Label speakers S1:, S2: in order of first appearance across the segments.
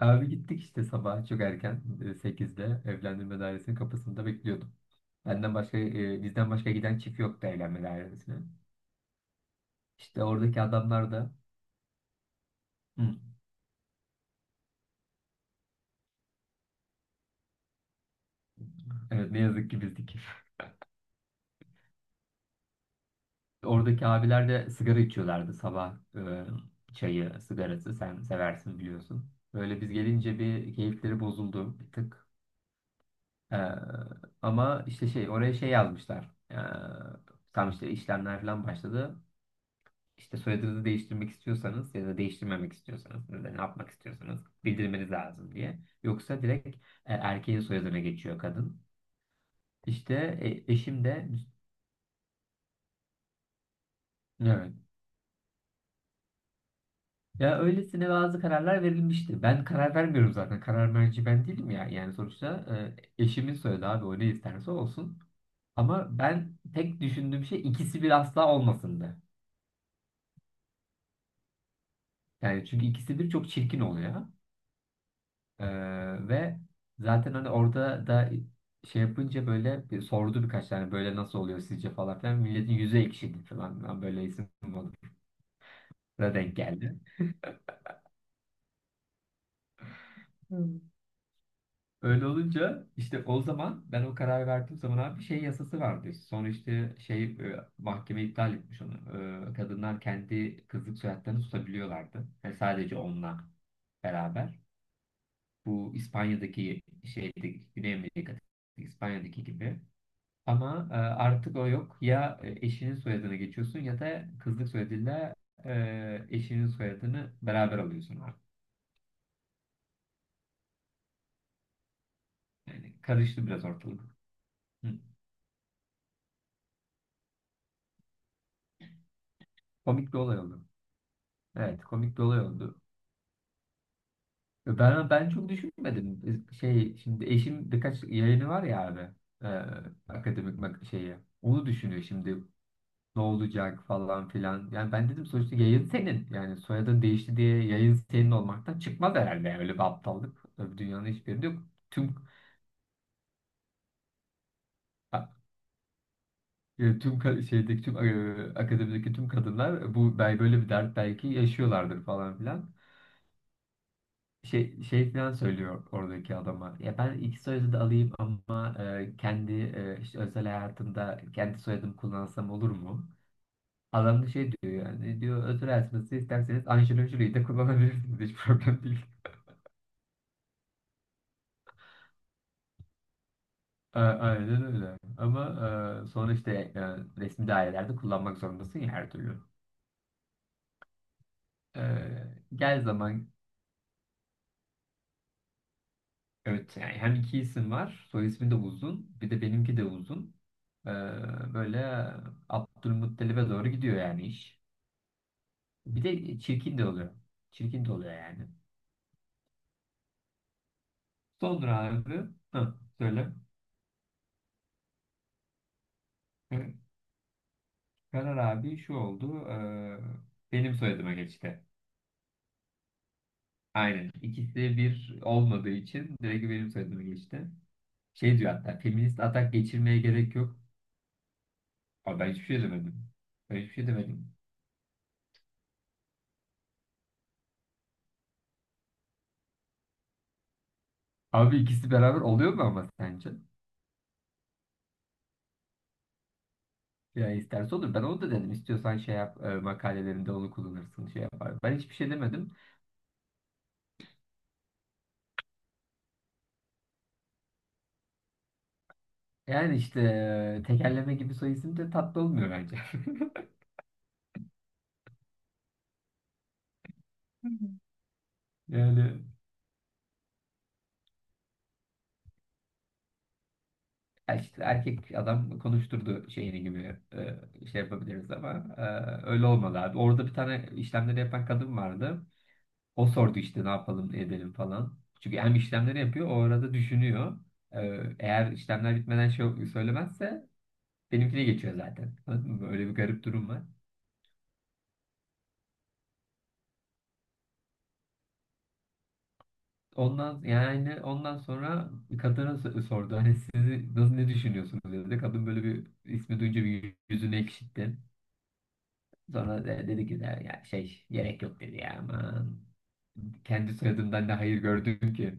S1: Abi gittik işte sabah çok erken 8'de evlendirme dairesinin kapısında bekliyordum. Benden başka bizden başka giden çift yoktu evlenme dairesine. İşte oradaki adamlar da hı, evet ne yazık ki bizdik. Oradaki abiler de sigara içiyorlardı sabah, çayı, sigarası sen seversin biliyorsun. Böyle biz gelince bir keyifleri bozuldu bir tık. E, Ama işte şey, oraya şey yazmışlar. Tam işte işlemler falan başladı. İşte soyadınızı değiştirmek istiyorsanız ya da değiştirmemek istiyorsanız ya da ne yapmak istiyorsanız bildirmeniz lazım diye. Yoksa direkt erkeğin soyadına geçiyor kadın. İşte eşim de evet. Ya öylesine bazı kararlar verilmişti. Ben karar vermiyorum zaten. Karar merci ben değilim ya. Yani sonuçta eşimin soyadı abi, o ne isterse olsun. Ama ben tek düşündüğüm şey ikisi bir asla olmasındı. Yani çünkü ikisi bir çok çirkin oluyor. Ee, ve zaten hani orada da şey yapınca böyle bir sordu, birkaç tane böyle nasıl oluyor sizce falan filan. Milletin yüzü ekşidi falan. Ben böyle isim moduna denk geldi. Hmm. Öyle olunca işte o zaman ben o kararı verdiğim zaman abi şey yasası vardı. Sonra işte şey, mahkeme iptal etmiş onu. Kadınlar kendi kızlık soyadlarını tutabiliyorlardı. Yani sadece onunla beraber. Bu İspanya'daki şeyde, Güney Amerika'daki İspanya'daki gibi. Ama artık o yok. Ya eşinin soyadına geçiyorsun ya da kızlık soyadıyla eşinin soyadını beraber alıyorsun artık. Yani karıştı biraz ortalık. Hı. Komik bir olay oldu. Evet, komik bir olay oldu. Ben çok düşünmedim. Şey, şimdi eşim birkaç yayını var ya abi. e, Akademik mak- şeyi. Onu düşünüyor şimdi. Ne olacak falan filan. Yani ben dedim sonuçta yayın senin. Yani soyadın değişti diye yayın senin olmaktan çıkmaz herhalde. Yani öyle bir aptallık. Dünyanın hiçbir yerinde yok tüm, ha, tüm ka- şeydeki tüm, akademideki tüm kadınlar bu bel- böyle bir dert belki yaşıyorlardır falan filan. Şey filan söylüyor oradaki adama. Ya ben iki soyadı da alayım ama kendi, işte özel hayatımda kendi soyadımı kullansam olur mu? Adam da şey diyor, yani diyor özel hayatınızı isterseniz Angelina Jolie'yi de kullanabilirsiniz, hiç problem değil. A- aynen öyle. Ama sonra işte, resmi dairelerde kullanmak zorundasın ya her türlü. Ee, gel zaman Evet, yani hem iki isim var. Soy ismi de uzun. Bir de benimki de uzun. Ee, Böyle Abdülmuttalib'e doğru gidiyor yani iş. Bir de çirkin de oluyor. Çirkin de oluyor yani. Sonra abi, hı, söyle. Ee, Karar abi şu oldu: benim soyadıma geçti. Aynen. İkisi bir olmadığı için direkt benim soyadıma geçti. Şey diyor hatta, feminist atak geçirmeye gerek yok. Abi ben hiçbir şey demedim. Ben hiçbir şey demedim. Abi ikisi beraber oluyor mu ama sence? Ya isterse olur. Ben onu da dedim. İstiyorsan şey yap, makalelerinde onu kullanırsın, şey yapar. Ben hiçbir şey demedim. Yani işte tekerleme gibi soy isim de tatlı olmuyor bence. Hı hı. Yani, ya işte erkek adam konuşturdu şeyini gibi, şey yapabiliriz ama öyle olmadı abi. Orada bir tane işlemleri yapan kadın vardı. O sordu işte ne yapalım, ne edelim falan. Çünkü hem işlemleri yapıyor, o arada düşünüyor. Eğer işlemler bitmeden şey söylemezse benimkine geçiyor zaten. Anladın mı? Öyle bir garip durum var. Ondan, yani ondan sonra kadına s- sordu. Hani sizi nasıl, ne düşünüyorsunuz dedi. Kadın böyle bir ismi duyunca bir yüzünü ekşitti. Sonra de- dedi ki de, ya şey gerek yok dedi ya, aman. Kendi soyadımdan ne hayır gördüm ki.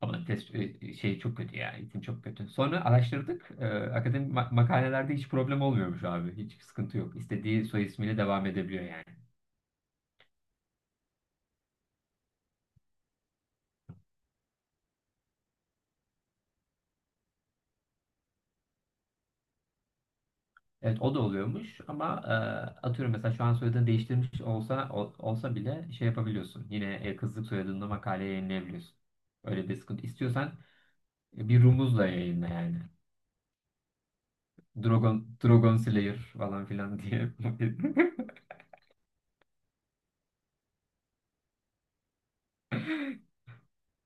S1: Ama test şey çok kötü ya, isim çok kötü. Sonra araştırdık. Akademik ma- makalelerde hiç problem olmuyormuş abi. Hiç sıkıntı yok. İstediği soy ismiyle devam edebiliyor yani. Evet, o da oluyormuş ama atıyorum mesela şu an soyadını değiştirmiş olsa ol- olsa bile şey yapabiliyorsun. Yine kızlık soyadında makale yayınlayabiliyorsun. Öyle bir sıkıntı. İstiyorsan bir rumuzla yayınla yani. Dragon Slayer falan filan diye.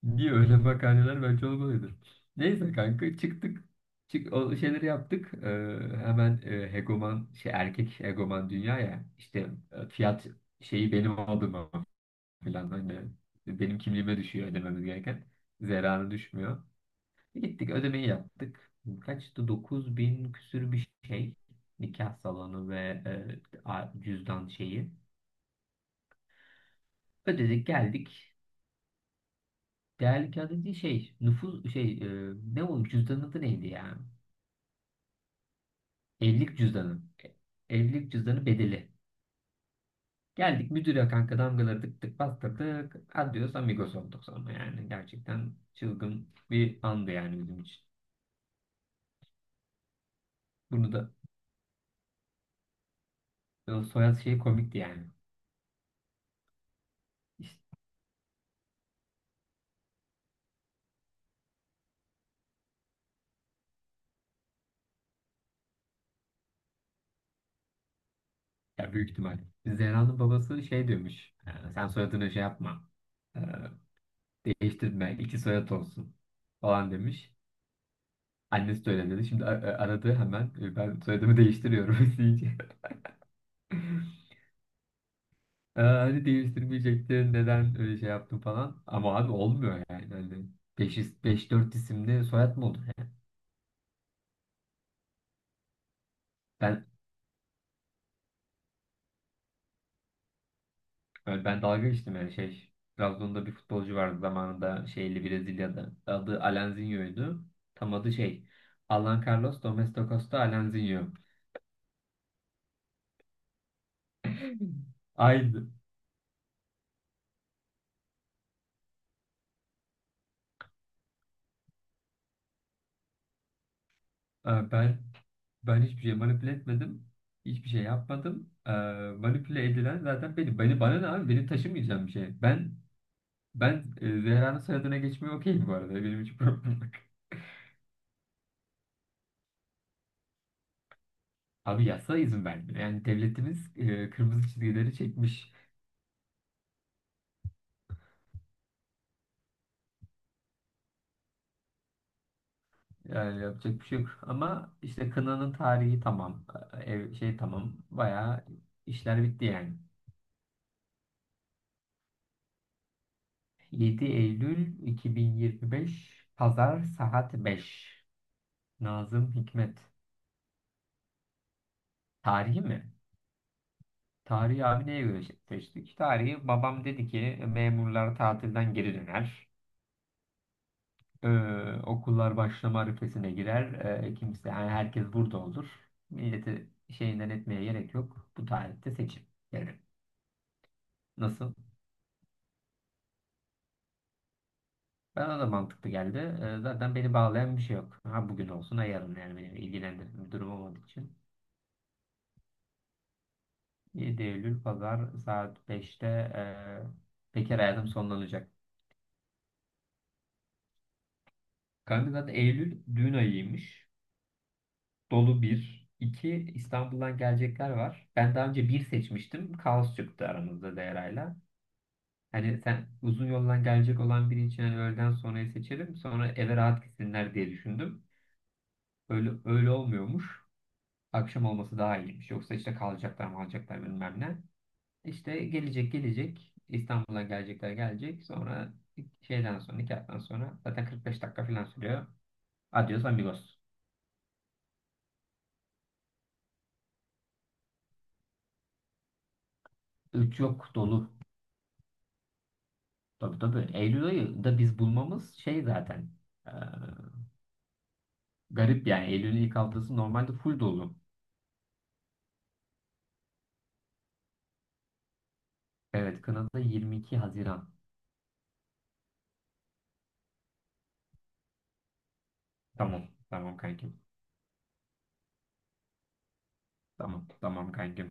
S1: Niye, öyle makaleler bence olmalıydı. Neyse kanka, çıktık. Çık, o şeyleri yaptık. Hemen hegoman şey, erkek hegoman dünya ya, işte fiyat şeyi benim adıma, falan öyle. Benim kimliğime düşüyor ödememiz gereken. Zerarı düşmüyor. Gittik ödemeyi yaptık. Kaçtı? Dokuz bin küsür bir şey. Nikah salonu ve a- cüzdan şeyi. Ödedik geldik. Değerli kağıt dediği şey nüfus şey, ne, o cüzdanın adı neydi ya? Evlilik cüzdanı. E- evlilik cüzdanı bedeli. Geldik müdüre kanka, damgaları tık tık bastırdık. Adios amigos olduk sonra yani. Gerçekten çılgın bir andı yani bizim için. Bunu da, o soyad şey komikti yani. İşte, ya büyük ihtimal. Zehra'nın babası şey diyormuş: Sen soyadını şey yapma. Ee, Değiştirme. İki soyad olsun." Falan demiş. Annesi de öyle dedi. Şimdi a- a- aradı hemen. Ben soyadımı değiştiriyorum," deyince, "aa, hani değiştirmeyecektin. Neden öyle şey yaptın" falan. Ama abi olmuyor yani. Hani 5, 5-4 isimli soyad mı olur yani? Ben Evet, ben dalga geçtim yani şey. Trabzon'da bir futbolcu vardı zamanında, şeyli Brezilya'da. Adı Alanzinho'ydu. Tam adı şey: Alan Carlos Domés de Costa Alanzinho. Aynı. Ee, Ben ben hiçbir şey manipüle etmedim. Hiçbir şey yapmadım. Manipüle edilen zaten benim. Beni bana ne abi? Benim taşımayacağım bir şey. Ben Zehra'nın soyadına geçmeye okeyim bu arada. Benim hiç problem yok. Abi yasa izin vermiyor. Yani devletimiz kırmızı çizgileri çekmiş. Yani yapacak bir şey yok. Ama işte kınanın tarihi tamam. Ev, şey tamam. Bayağı işler bitti yani. 7 Eylül 2025 Pazar, saat 5. Nazım Hikmet. Tarihi mi? Tarihi abi neye göre şey seçtik? Tarihi, babam dedi ki memurlar tatilden geri döner. Ee, Okullar başlama arifesine girer. Kimse, yani herkes burada olur. Milleti şeyinden etmeye gerek yok. Bu tarihte seçim. Yani, nasıl? Bana da mantıklı geldi. Zaten beni bağlayan bir şey yok. Ha bugün olsun ha yarın, yani beni ilgilendiren bir durum olmadığı için. 7 Eylül pazar saat beşte bekar hayatım sonlanacak. Kanka zaten Eylül düğün ayıymış. Dolu bir. İki, İstanbul'dan gelecekler var. Ben daha önce bir seçmiştim. Kaos çıktı aramızda Değera'yla. Hani sen uzun yoldan gelecek olan biri için hani öğleden sonrayı seçerim, sonra eve rahat gitsinler diye düşündüm. Öyle, öyle olmuyormuş. Akşam olması daha iyiymiş. Yoksa işte kalacaklar mı, alacaklar bilmem ne. İşte gelecek gelecek. İstanbul'a gelecekler gelecek. Sonra şeyden sonra, nikahtan sonra zaten 45 dakika falan sürüyor. Adios amigos. Üç yok, dolu. Tabii tabii. Eylül ayı da biz bulmamız şey zaten. eee, Garip yani. Eylül'ün ilk haftası normalde full dolu. Evet, Kanada 22 Haziran. Tamam. Tamam kankim. Tamam. Tamam kankim.